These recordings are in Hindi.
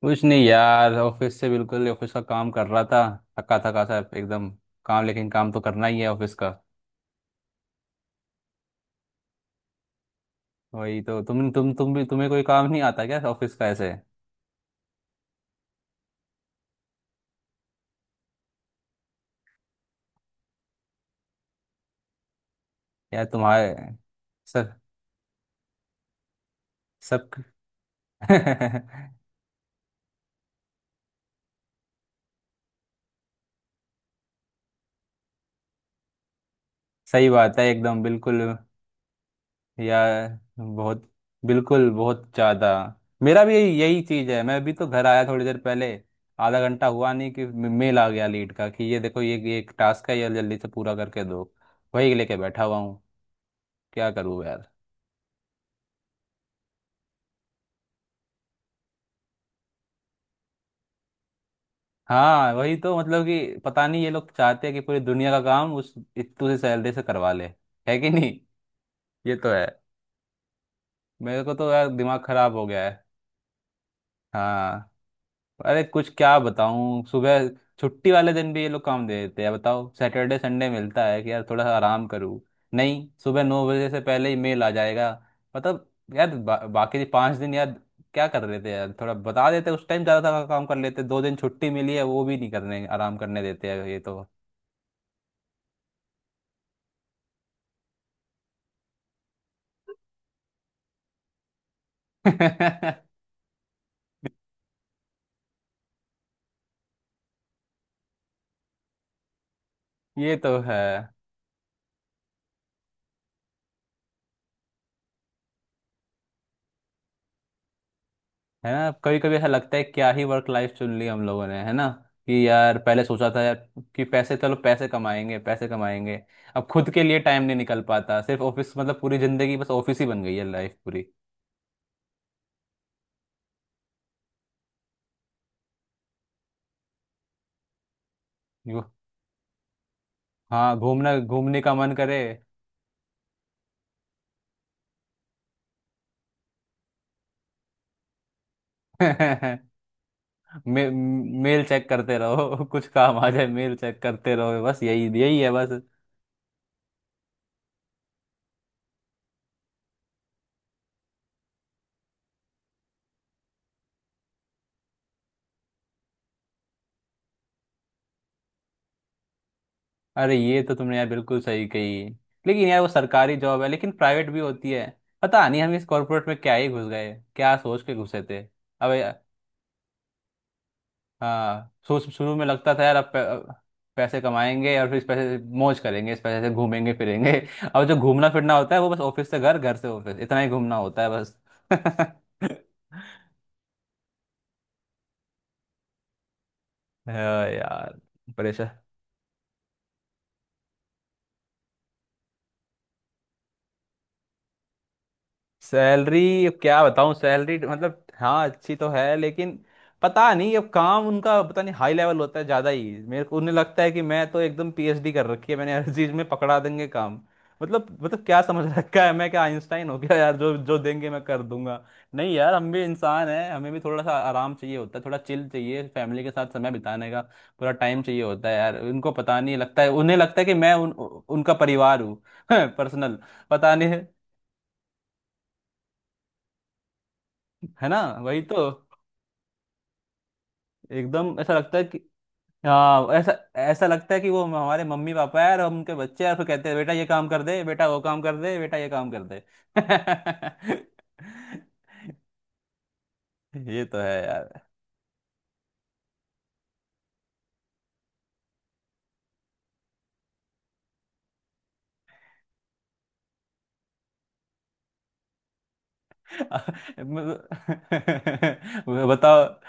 कुछ नहीं यार, ऑफिस से। बिल्कुल ऑफिस का काम कर रहा था। थका थका सा एकदम। काम, लेकिन काम तो करना ही है ऑफिस का। वही तो। तुम भी, तुम्हें कोई काम नहीं आता क्या ऑफिस का ऐसे? यार तुम्हारे सब सब। सही बात है एकदम, बिल्कुल। यार बहुत, बिल्कुल बहुत ज़्यादा। मेरा भी यही चीज़ है। मैं अभी तो घर आया थोड़ी देर पहले। आधा घंटा हुआ नहीं कि मेल आ गया लीड का, कि ये देखो, ये एक टास्क है, ये जल्दी से पूरा करके दो। वही लेके बैठा हुआ हूँ। क्या करूँ। हाँ, वही तो। मतलब कि पता नहीं ये लोग चाहते हैं कि पूरी दुनिया का काम उस इतू सी सैलरी से करवा ले। है कि नहीं। ये तो है। मेरे को तो यार दिमाग खराब हो गया है। हाँ। अरे कुछ क्या बताऊँ। सुबह छुट्टी वाले दिन भी ये लोग काम दे देते हैं। बताओ, सैटरडे संडे मिलता है कि यार थोड़ा सा आराम करूँ, नहीं, सुबह 9 बजे से पहले ही मेल आ जाएगा। मतलब, यार बाकी 5 दिन यार क्या कर रहे थे? यार थोड़ा बता देते उस टाइम, ज़्यादा काम कर लेते। 2 दिन छुट्टी मिली है, वो भी नहीं करने, आराम करने देते हैं ये तो। ये तो है। है ना? कभी कभी ऐसा लगता है, क्या ही वर्क लाइफ चुन ली हम लोगों ने, है ना? कि यार पहले सोचा था यार कि पैसे, चलो पैसे कमाएंगे पैसे कमाएंगे। अब खुद के लिए टाइम नहीं निकल पाता, सिर्फ ऑफिस। मतलब पूरी जिंदगी बस ऑफिस ही बन गई है, लाइफ पूरी। यो- हाँ, घूमना, घूमने का मन करे। मेल चेक करते रहो कुछ काम आ जाए, मेल चेक करते रहो, बस यही यही है बस। अरे ये तो तुमने यार बिल्कुल सही कही। लेकिन यार वो सरकारी जॉब है, लेकिन प्राइवेट भी होती है। पता नहीं हम इस कॉर्पोरेट में क्या ही घुस गए, क्या सोच के घुसे थे। अब या- हाँ, सोच, शुरू में लगता था यार, अब पैसे कमाएंगे और फिर इस पैसे से मौज करेंगे, इस पैसे से घूमेंगे फिरेंगे। अब जो घूमना फिरना होता है वो बस ऑफिस से घर, घर से ऑफिस, इतना ही घूमना होता है बस। हाँ यार, परेशान। सैलरी, अब क्या बताऊं। सैलरी मतलब हाँ अच्छी तो है, लेकिन पता नहीं, अब काम उनका पता नहीं हाई लेवल होता है ज़्यादा ही। मेरे को, उन्हें लगता है कि मैं तो एकदम पीएचडी कर रखी है मैंने हर चीज़ में, पकड़ा देंगे काम। मतलब, मतलब क्या समझ रखा है, मैं क्या आइंस्टाइन हो गया यार जो जो देंगे मैं कर दूंगा। नहीं यार, हम भी इंसान हैं, हमें भी थोड़ा सा आराम चाहिए होता है, थोड़ा चिल चाहिए, फैमिली के साथ समय बिताने का पूरा टाइम चाहिए होता है यार। उनको पता नहीं लगता है, उन्हें लगता है कि मैं उनका परिवार हूँ पर्सनल। पता नहीं है। है ना, वही तो। एकदम ऐसा लगता है कि, हाँ, ऐसा ऐसा लगता है कि वो हमारे मम्मी पापा है और हम उनके बच्चे हैं, और फिर कहते हैं बेटा ये काम कर दे, बेटा वो काम कर दे, बेटा ये काम कर दे। ये तो है यार। मैं- बताओ।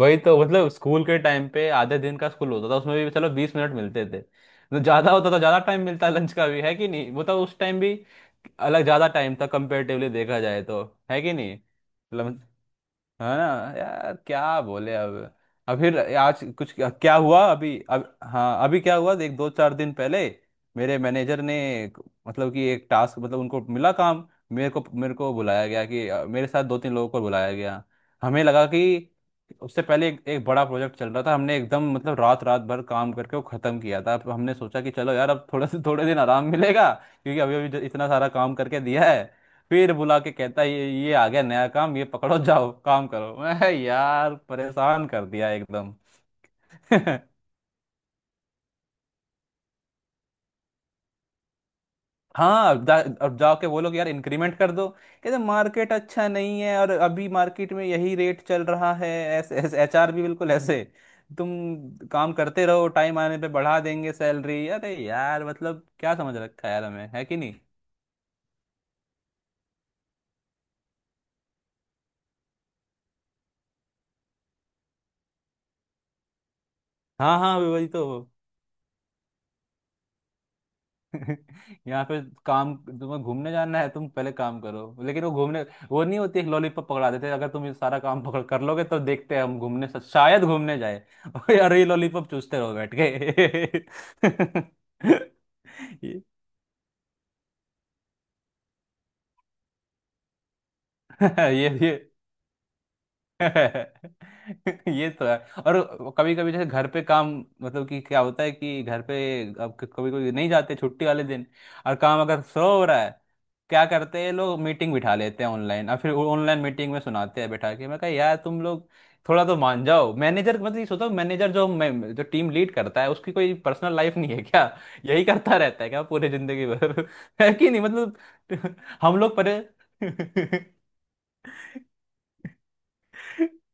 वही तो। मतलब स्कूल के टाइम पे आधे दिन का स्कूल होता था, उसमें भी चलो 20 मिनट मिलते थे, तो ज्यादा होता तो ज्यादा टाइम मिलता लंच का भी, है कि नहीं? मतलब उस टाइम भी अलग, ज्यादा टाइम था कंपेरेटिवली देखा जाए तो। है कि नहीं मतलब। है ना? यार क्या बोले अब। अब फिर, आज कुछ क्या क्या हुआ अभी, अब हाँ, अभी क्या हुआ, देख, 2-4 दिन पहले मेरे मैनेजर ने एक- मतलब कि एक टास्क, मतलब उनको मिला काम, मेरे को बुलाया गया कि मेरे साथ 2-3 लोगों को बुलाया गया। हमें लगा कि, उससे पहले एक बड़ा प्रोजेक्ट चल रहा था, हमने एकदम मतलब रात रात भर काम करके वो खत्म किया था। अब हमने सोचा कि चलो यार अब थोड़ा से, थोड़े दिन आराम मिलेगा, क्योंकि अभी अभी जो इतना सारा काम करके दिया है। फिर बुला के कहता है, ये आ गया नया काम, ये पकड़ो, जाओ काम करो। मैं, यार परेशान कर दिया एकदम। हाँ, अब जाओ के बोलो कि यार इंक्रीमेंट कर दो, कहते मार्केट अच्छा नहीं है और अभी मार्केट में यही रेट चल रहा है। ऐसे ऐसे एचआर भी बिल्कुल ऐसे, तुम काम करते रहो, टाइम आने पे बढ़ा देंगे सैलरी। अरे यार, मतलब क्या समझ रखा है यार हमें, है कि नहीं? हाँ हाँ वही तो। यहाँ पे काम, तुम्हें घूमने जाना है तुम पहले काम करो, लेकिन वो घूमने, वो नहीं होती। एक लॉलीपॉप पकड़ा देते हैं, अगर तुम ये सारा काम पकड़ कर लोगे तो देखते हैं हम घूमने, शायद घूमने जाए और यार ये लॉलीपॉप चूसते रहो बैठ के। ये ये ये तो है। और कभी कभी जैसे घर पे काम, मतलब कि क्या होता है कि घर पे, अब कभी कभी नहीं जाते छुट्टी वाले दिन, और काम अगर स्लो हो रहा है, क्या करते हैं लोग, मीटिंग बिठा लेते हैं ऑनलाइन, और फिर ऑनलाइन मीटिंग में सुनाते हैं बैठा के। मैं कहा यार तुम लोग थोड़ा तो मान जाओ, मैनेजर मतलब ये सोचो, मैनेजर जो मैं, जो टीम लीड करता है, उसकी कोई पर्सनल लाइफ नहीं है क्या? यही करता रहता है क्या पूरे जिंदगी भर? है कि नहीं मतलब। हम लोग परे।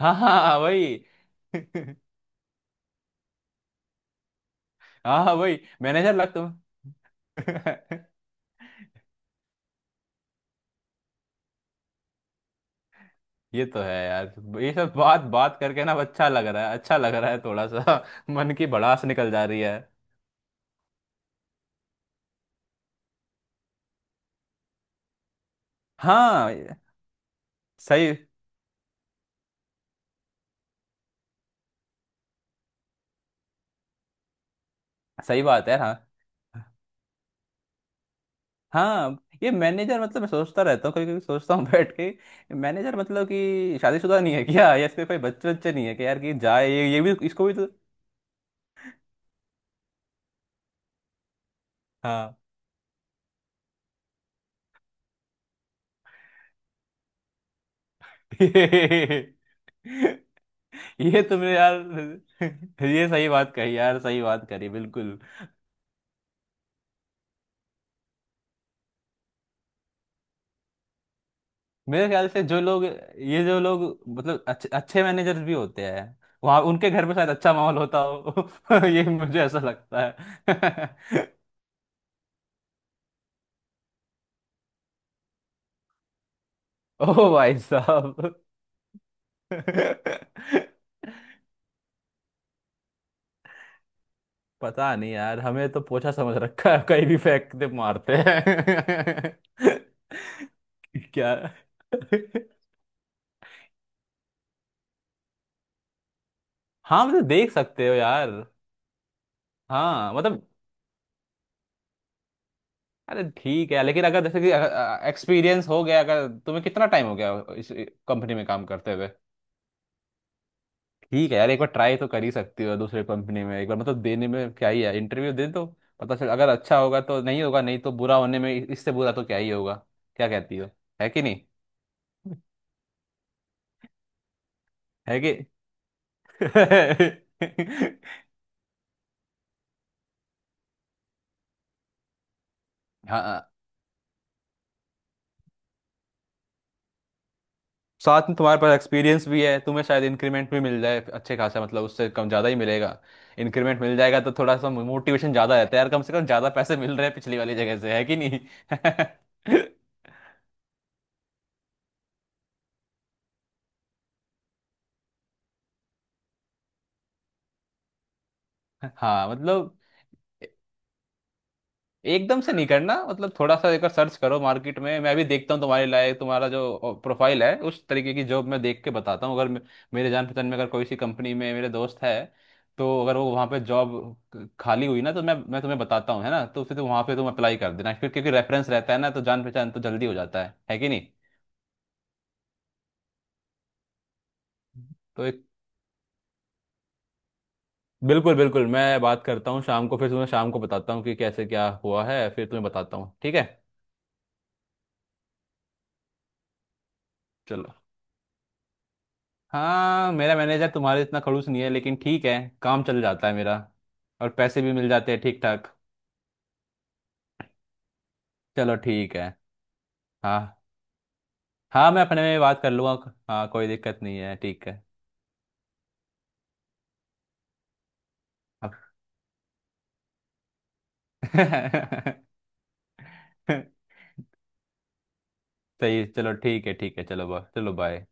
हाँ हाँ वही। हाँ हाँ, वही मैनेजर लग तुम। ये तो है यार। ये सब बात बात करके ना अब अच्छा लग रहा है, अच्छा लग रहा है थोड़ा सा, मन की भड़ास निकल जा रही है। हाँ सही, सही बात है। हाँ हाँ। ये मैनेजर, मतलब मैं सोचता रहता हूँ, कभी कभी सोचता हूँ बैठ के, मैनेजर मतलब कि शादीशुदा नहीं है क्या, या इसके कोई बच्चे बच्चे नहीं है कि यार कि जाए ये भी, इसको भी तो। हाँ ये तुमने यार ये सही बात कही यार, सही बात करी बिल्कुल। मेरे ख्याल से जो लोग, ये जो लोग, मतलब अच्छे अच्छे मैनेजर्स भी होते हैं, वहाँ उनके घर में शायद अच्छा माहौल होता हो। ये मुझे ऐसा लगता है। ओ भाई साहब। पता नहीं यार, हमें तो पोछा समझ रखा है, कहीं भी फेंक दे मारते हैं। क्या। हाँ मतलब, देख सकते हो यार। हाँ मतलब, अरे ठीक है, लेकिन अगर जैसे कि एक्सपीरियंस हो गया, अगर तुम्हें कितना टाइम हो गया इस कंपनी में काम करते हुए। ठीक है यार, एक बार ट्राई तो कर ही सकती हो दूसरे कंपनी में, एक बार मतलब देने में क्या ही है, इंटरव्यू दे दो, पता चल, अगर अच्छा होगा तो, नहीं होगा नहीं तो, बुरा होने में इससे बुरा तो क्या ही होगा। क्या कहती हो? है कि नहीं? है कि। हाँ, साथ में तुम्हारे पास एक्सपीरियंस भी है, तुम्हें शायद इंक्रीमेंट भी मिल जाए अच्छे खासा, मतलब उससे कम ज़्यादा ही मिलेगा। इंक्रीमेंट मिल जाएगा तो थोड़ा सा मोटिवेशन ज़्यादा रहता है यार, कम से कम ज़्यादा पैसे मिल रहे हैं पिछली वाली जगह से, है कि नहीं? हाँ मतलब, एकदम से नहीं करना, मतलब थोड़ा सा एक सर्च करो मार्केट में, मैं भी देखता हूँ तुम्हारे लायक, तुम्हारा जो प्रोफाइल है उस तरीके की जॉब, मैं देख के बताता हूँ। अगर मेरे जान पहचान में अगर कोई सी कंपनी में मेरे दोस्त है, तो अगर वो वहाँ पे जॉब खाली हुई ना, तो मैं तुम्हें बताता हूँ, है ना? तो फिर तुम वहाँ पे तुम अप्लाई कर देना फिर, क्योंकि रेफरेंस रहता है ना, तो जान पहचान तो जल्दी हो जाता है कि नहीं? तो एक, बिल्कुल बिल्कुल, मैं बात करता हूँ शाम को, फिर तुम्हें शाम को बताता हूँ कि कैसे क्या हुआ है, फिर तुम्हें बताता हूँ, ठीक है? चलो। हाँ मेरा मैनेजर तुम्हारे इतना खड़ूस नहीं है, लेकिन ठीक है, काम चल जाता है मेरा, और पैसे भी मिल जाते हैं ठीक ठाक। चलो ठीक है। हाँ। हाँ मैं अपने में बात कर लूँगा, हाँ कोई दिक्कत नहीं है, ठीक है। अब- सही, चलो ठीक है, ठीक है, चलो चलो बाय।